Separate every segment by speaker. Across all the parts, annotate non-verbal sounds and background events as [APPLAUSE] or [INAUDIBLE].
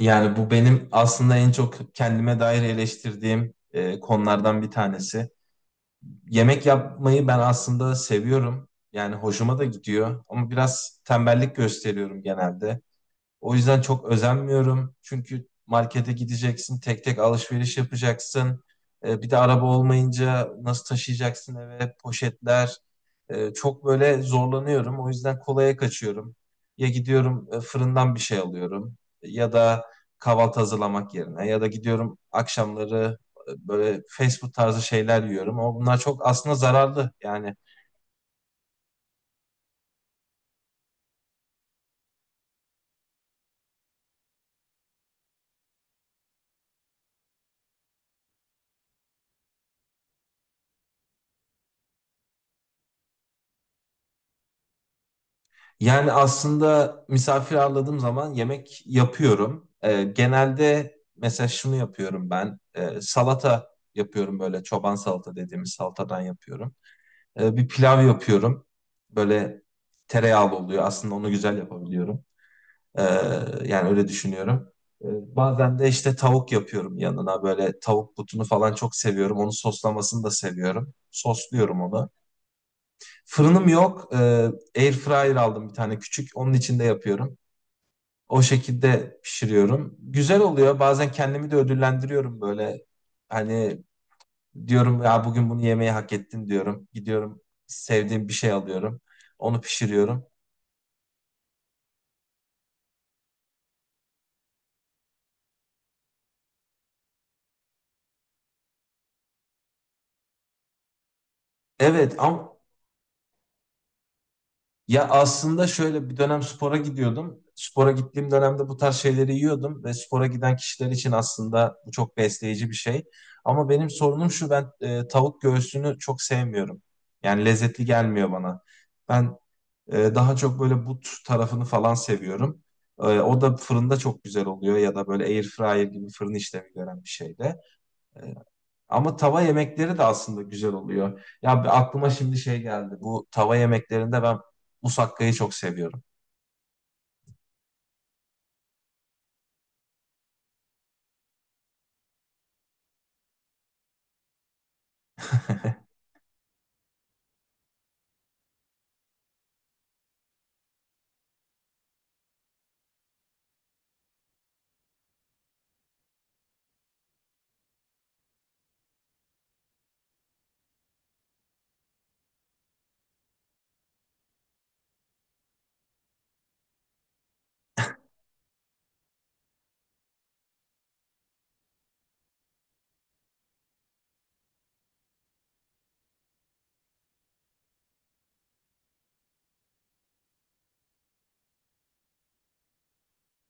Speaker 1: Yani bu benim aslında en çok kendime dair eleştirdiğim konulardan bir tanesi. Yemek yapmayı ben aslında seviyorum. Yani hoşuma da gidiyor ama biraz tembellik gösteriyorum genelde. O yüzden çok özenmiyorum. Çünkü markete gideceksin, tek tek alışveriş yapacaksın. Bir de araba olmayınca nasıl taşıyacaksın eve, poşetler. Çok böyle zorlanıyorum. O yüzden kolaya kaçıyorum. Ya gidiyorum fırından bir şey alıyorum ya da kahvaltı hazırlamak yerine ya da gidiyorum akşamları böyle fast food tarzı şeyler yiyorum. Ama bunlar çok aslında zararlı. Yani aslında misafir ağırladığım zaman yemek yapıyorum. Genelde mesela şunu yapıyorum ben. Salata yapıyorum böyle çoban salata dediğimiz salatadan yapıyorum. Bir pilav yapıyorum. Böyle tereyağlı oluyor. Aslında onu güzel yapabiliyorum. Ee, yani öyle düşünüyorum. Bazen de işte tavuk yapıyorum yanına. Böyle tavuk butunu falan çok seviyorum. Onu soslamasını da seviyorum. Sosluyorum onu. Fırınım yok. Air fryer aldım bir tane küçük. Onun içinde yapıyorum. O şekilde pişiriyorum. Güzel oluyor. Bazen kendimi de ödüllendiriyorum böyle. Hani diyorum ya bugün bunu yemeyi hak ettin diyorum. Gidiyorum sevdiğim bir şey alıyorum. Onu pişiriyorum. Evet ama ya aslında şöyle bir dönem spora gidiyordum. Spora gittiğim dönemde bu tarz şeyleri yiyordum ve spora giden kişiler için aslında bu çok besleyici bir şey. Ama benim sorunum şu, ben tavuk göğsünü çok sevmiyorum. Yani lezzetli gelmiyor bana. Ben daha çok böyle but tarafını falan seviyorum. O da fırında çok güzel oluyor ya da böyle air fryer gibi fırın işlemi gören bir şeyde. Ee, Ama tava yemekleri de aslında güzel oluyor. Ya bir aklıma şimdi şey geldi. Bu tava yemeklerinde ben musakkayı çok seviyorum.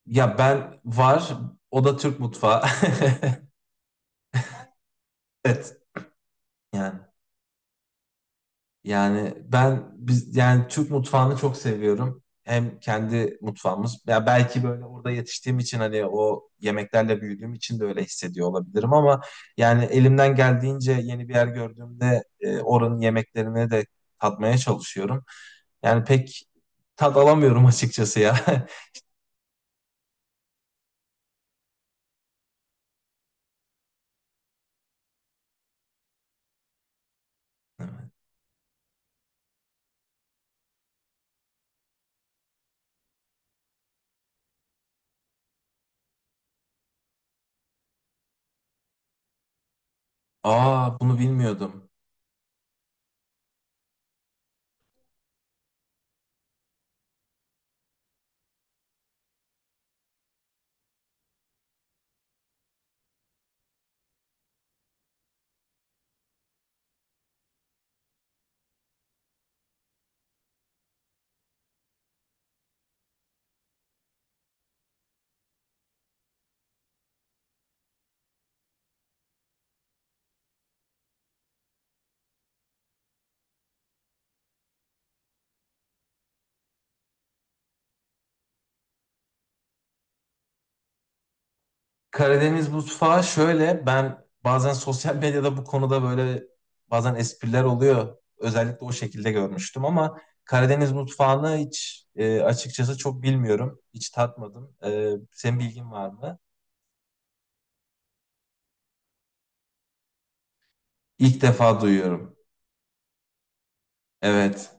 Speaker 1: Ya ben var, o da Türk mutfağı. [LAUGHS] Evet. Yani. Yani ben biz yani Türk mutfağını çok seviyorum. Hem kendi mutfağımız, ya belki böyle orada yetiştiğim için, hani o yemeklerle büyüdüğüm için de öyle hissediyor olabilirim ama yani elimden geldiğince yeni bir yer gördüğümde oranın yemeklerini de tatmaya çalışıyorum. Yani pek tad alamıyorum açıkçası ya. [LAUGHS] Aa, bunu bilmiyordum. Karadeniz mutfağı şöyle, ben bazen sosyal medyada bu konuda böyle bazen espriler oluyor. Özellikle o şekilde görmüştüm ama Karadeniz mutfağını hiç açıkçası çok bilmiyorum. Hiç tatmadım. E, senin bilgin var mı? İlk defa duyuyorum. Evet.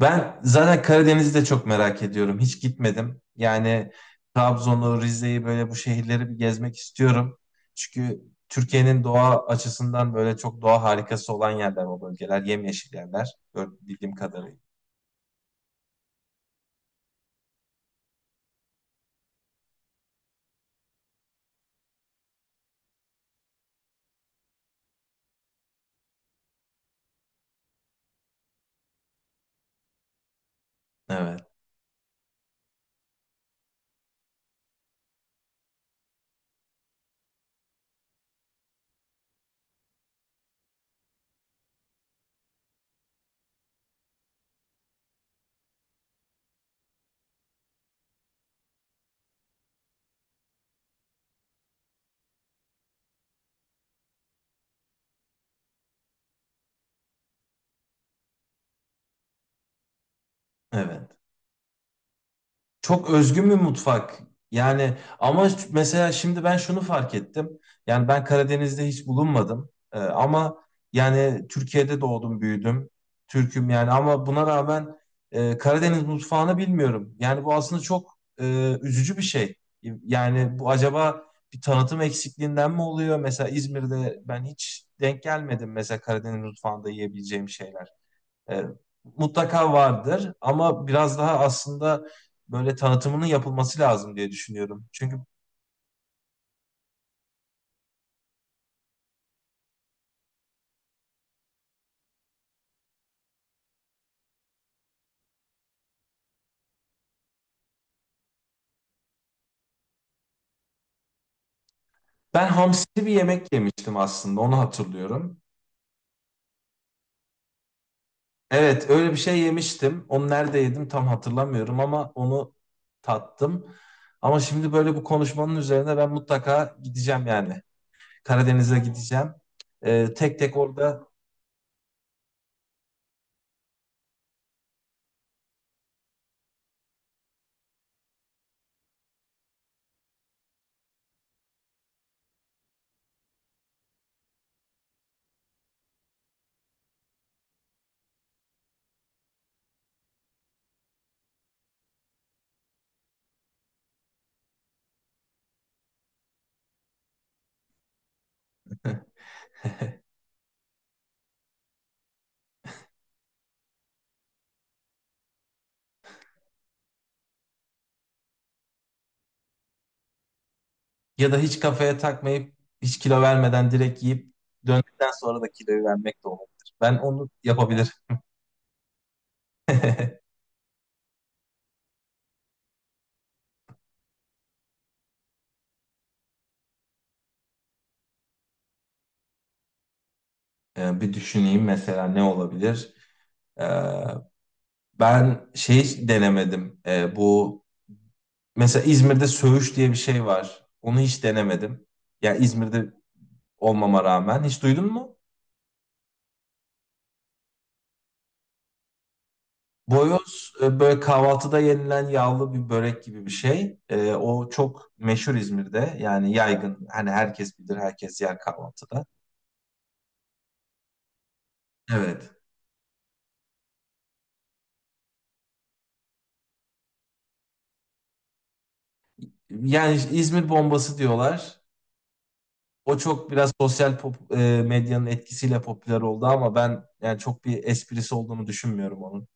Speaker 1: Ben zaten Karadeniz'i de çok merak ediyorum. Hiç gitmedim. Yani Trabzon'u, Rize'yi, böyle bu şehirleri bir gezmek istiyorum. Çünkü Türkiye'nin doğa açısından böyle çok doğa harikası olan yerler o bölgeler. Yemyeşil yerler. Bildiğim kadarıyla. Evet, evet. Çok özgün bir mutfak. Yani ama mesela şimdi ben şunu fark ettim. Yani ben Karadeniz'de hiç bulunmadım. Ama yani Türkiye'de doğdum, büyüdüm. Türk'üm yani, ama buna rağmen Karadeniz mutfağını bilmiyorum. Yani bu aslında çok üzücü bir şey. Yani bu acaba bir tanıtım eksikliğinden mi oluyor? Mesela İzmir'de ben hiç denk gelmedim mesela Karadeniz mutfağında yiyebileceğim şeyler. E, Mutlaka vardır ama biraz daha aslında böyle tanıtımının yapılması lazım diye düşünüyorum. Çünkü ben hamsi bir yemek yemiştim, aslında onu hatırlıyorum. Evet, öyle bir şey yemiştim. Onu nerede yedim tam hatırlamıyorum ama onu tattım. Ama şimdi böyle bu konuşmanın üzerine ben mutlaka gideceğim yani. Karadeniz'e gideceğim. E, tek tek orada ya da hiç kafaya takmayıp hiç kilo vermeden direkt yiyip döndükten sonra da kiloyu vermek de olabilir. Ben onu yapabilirim. [LAUGHS] Bir düşüneyim, mesela ne olabilir? Ee, ben şey denemedim. Bu mesela İzmir'de söğüş diye bir şey var. Onu hiç denemedim. Ya İzmir'de olmama rağmen hiç duydun mu? Boyoz böyle kahvaltıda yenilen yağlı bir börek gibi bir şey. O çok meşhur İzmir'de. Yani yaygın. Hani herkes bilir, herkes yer kahvaltıda. Evet. Yani İzmir bombası diyorlar. O çok biraz medyanın etkisiyle popüler oldu ama ben yani çok bir esprisi olduğunu düşünmüyorum onun.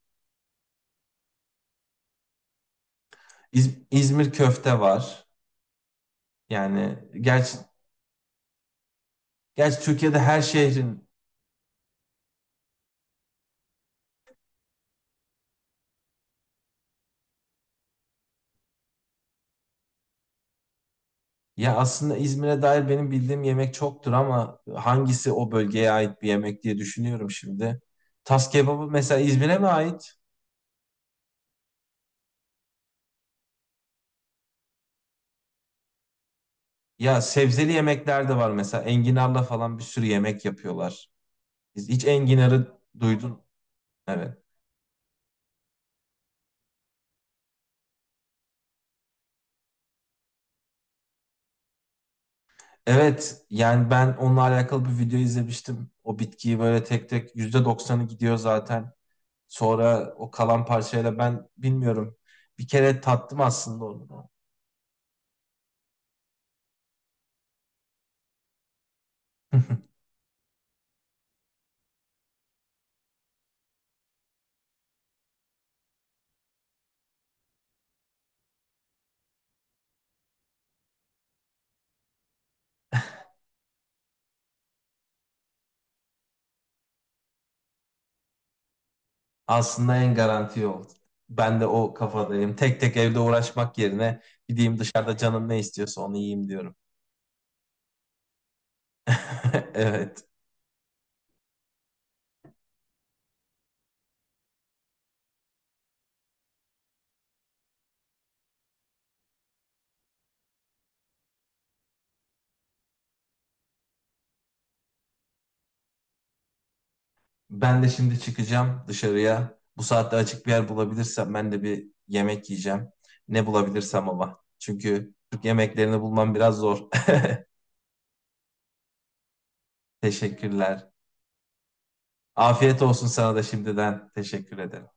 Speaker 1: İzmir köfte var. Yani gerçi Türkiye'de her şehrin ya aslında İzmir'e dair benim bildiğim yemek çoktur ama hangisi o bölgeye ait bir yemek diye düşünüyorum şimdi. Tas kebabı mesela İzmir'e mi ait? Ya sebzeli yemekler de var, mesela enginarla falan bir sürü yemek yapıyorlar. Hiç enginarı duydun? Evet. Evet, yani ben onunla alakalı bir video izlemiştim. O bitkiyi böyle tek tek %90'ı gidiyor zaten. Sonra o kalan parçayla ben bilmiyorum. Bir kere tattım aslında onu. [LAUGHS] Aslında en garanti yol. Ben de o kafadayım. Tek tek evde uğraşmak yerine gideyim dışarıda canım ne istiyorsa onu yiyeyim diyorum. [LAUGHS] Evet. Ben de şimdi çıkacağım dışarıya. Bu saatte açık bir yer bulabilirsem ben de bir yemek yiyeceğim. Ne bulabilirsem ama. Çünkü Türk yemeklerini bulmam biraz zor. [LAUGHS] Teşekkürler. Afiyet olsun sana da şimdiden. Teşekkür ederim.